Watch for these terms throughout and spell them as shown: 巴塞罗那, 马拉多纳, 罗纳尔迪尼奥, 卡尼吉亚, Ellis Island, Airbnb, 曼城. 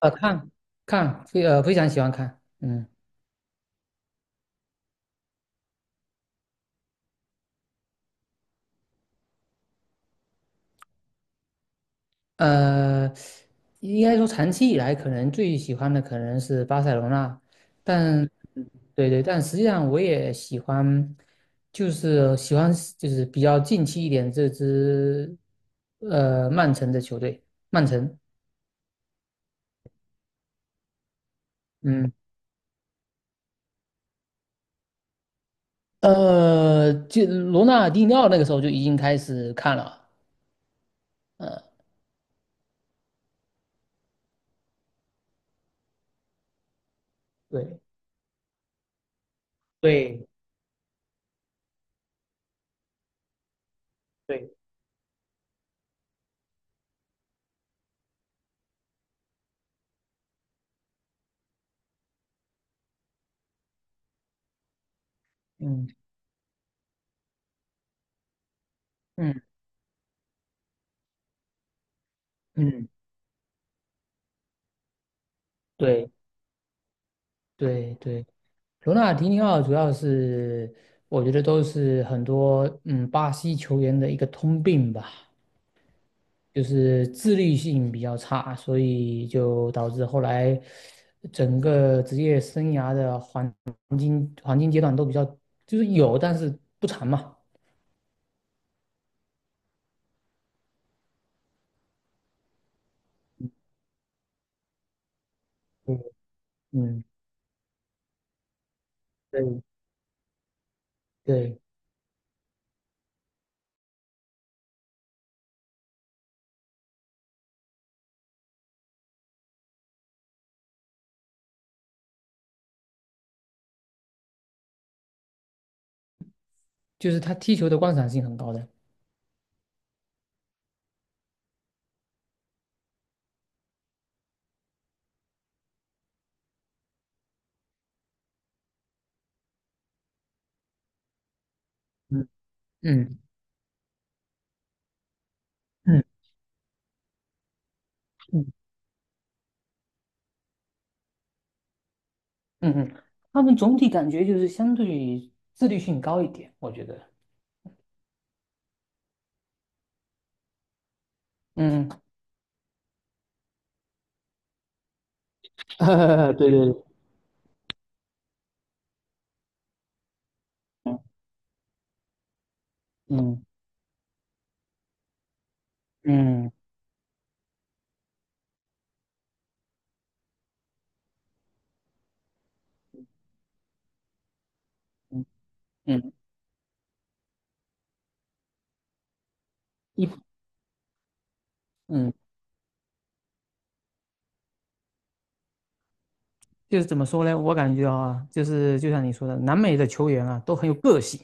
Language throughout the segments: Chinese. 看看非常喜欢看呃，应该说长期以来可能最喜欢的可能是巴塞罗那，但对对，但实际上我也喜欢，就是喜欢，就是比较近期一点这支曼城的球队，曼城。嗯就罗纳尔迪尼奥那个时候就已经开始看了。呃，对，对，对，嗯嗯嗯，对对对，嗯嗯嗯，对对对。罗纳尔迪尼奥主要是，我觉得都是很多巴西球员的一个通病吧，就是自律性比较差，所以就导致后来整个职业生涯的黄金阶段都比较，就是有，但是不长嘛。嗯嗯，对对，就是他踢球的观赏性很高的。嗯嗯嗯嗯嗯嗯。他们总体感觉就是相对于自律性高一点，我觉得。嗯。对对。嗯嗯嗯嗯嗯。一嗯，就是怎么说呢？我感觉啊，就是就像你说的，南美的球员啊都很有个性。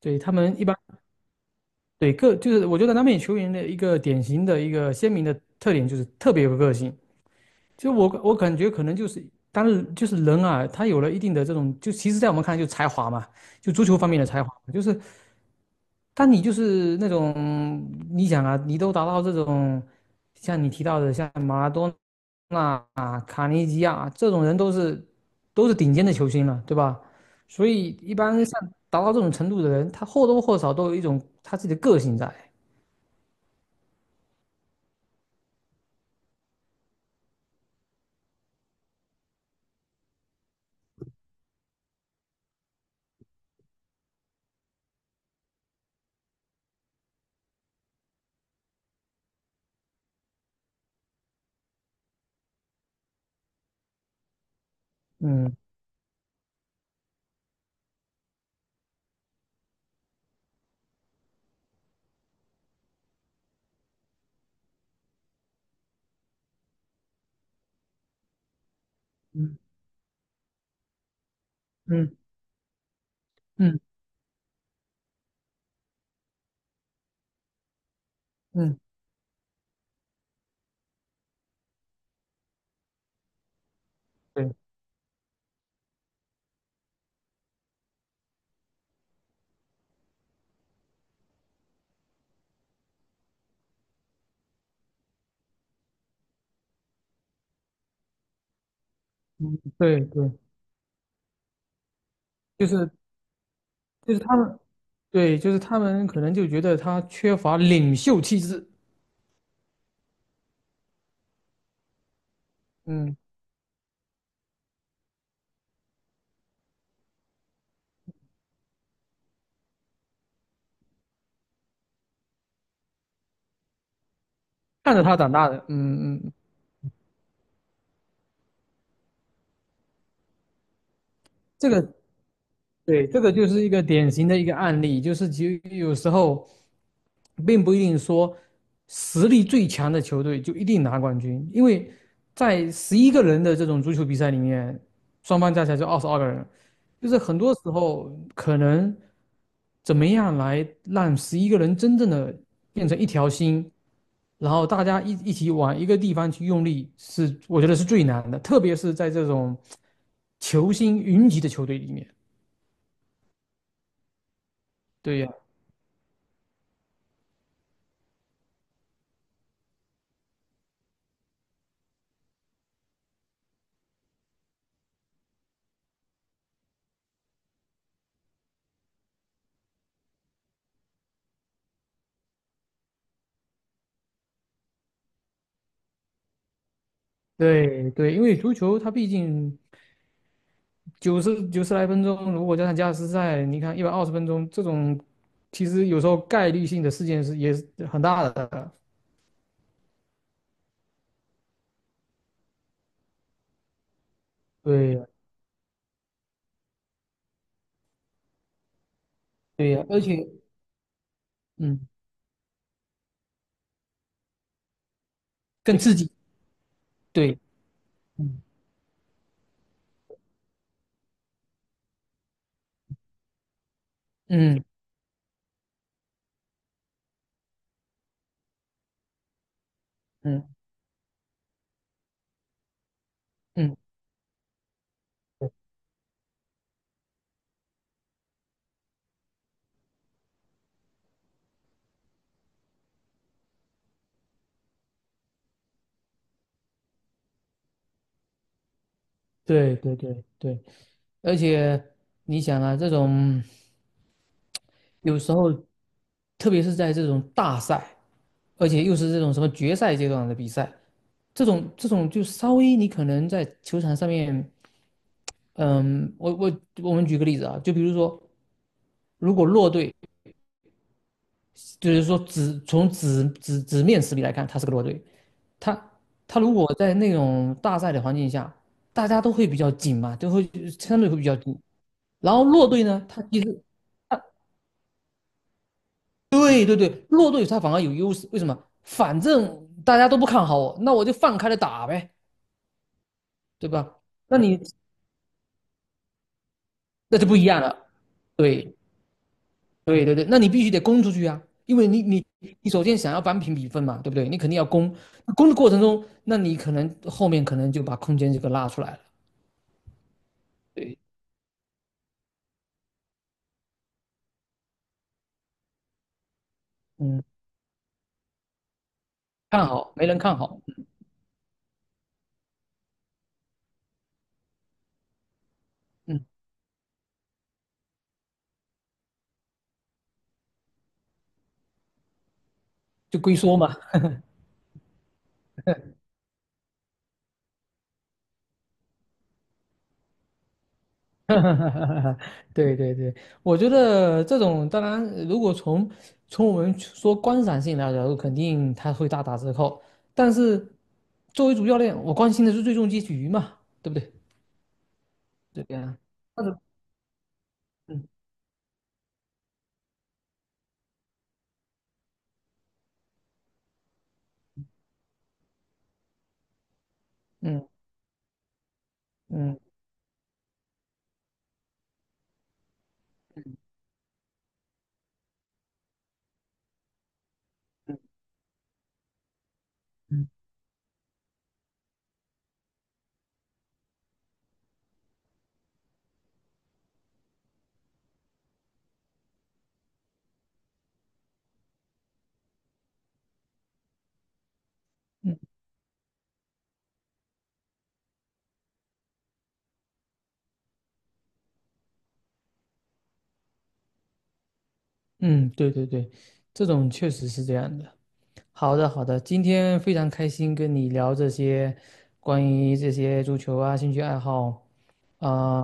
对，他们一般。对就是我觉得南美球员的一个典型的一个鲜明的特点就是特别有个性。就我感觉可能就是，当然就是人啊，他有了一定的这种，就其实在我们看来就是才华嘛，就足球方面的才华，就是但你就是那种，你想啊，你都达到这种，像你提到的，像马拉多纳啊、卡尼吉亚啊这种人都是顶尖的球星了，对吧？所以一般像达到这种程度的人，他或多或少都有一种他自己的个性在。嗯嗯嗯嗯嗯，对对对，就是就是他们，对，就是他们可能就觉得他缺乏领袖气质。嗯，看着他长大的。嗯嗯。这个。对，这个就是一个典型的一个案例，就是其实有时候并不一定说实力最强的球队就一定拿冠军，因为在十一个人的这种足球比赛里面，双方加起来就22个人，就是很多时候可能怎么样来让十一个人真正的变成一条心，然后大家一起往一个地方去用力，是我觉得是最难的，特别是在这种球星云集的球队里面。对呀。对对，因为足球它毕竟九十来分钟，如果加上加时赛，你看120分钟这种，其实有时候概率性的事件是也是很大的。对呀，对呀，而且嗯，更刺激。对。嗯嗯嗯嗯。对对对对，而且你想啊，这种有时候，特别是在这种大赛，而且又是这种什么决赛阶段的比赛，这种就稍微你可能在球场上面嗯，我们举个例子啊，就比如说，如果弱队，就是说只从纸面实力来看，他是个弱队，他他如果在那种大赛的环境下，大家都会比较紧嘛，就会相对会比较紧。然后弱队呢，他其实。他对对对，弱队他反而有优势，为什么？反正大家都不看好我，那我就放开了打呗，对吧？那你那就不一样了。对，对对对，那你必须得攻出去啊，因为你首先想要扳平比分嘛，对不对？你肯定要攻，那攻的过程中，那你可能后面可能就把空间就给拉出来了。对，嗯，看好没人看好。嗯，就龟缩嘛。对对对，我觉得这种当然，如果从我们说观赏性来讲，肯定它会大打折扣。但是作为主教练，我关心的是最终结局嘛，对不对？对呀、啊。那个嗯嗯嗯嗯嗯。嗯嗯，对对对，这种确实是这样的。好的，好的，今天非常开心跟你聊这些关于这些足球啊兴趣爱好啊。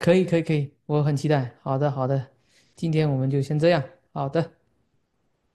可以可以可以，我很期待。好的好的，今天我们就先这样。好的。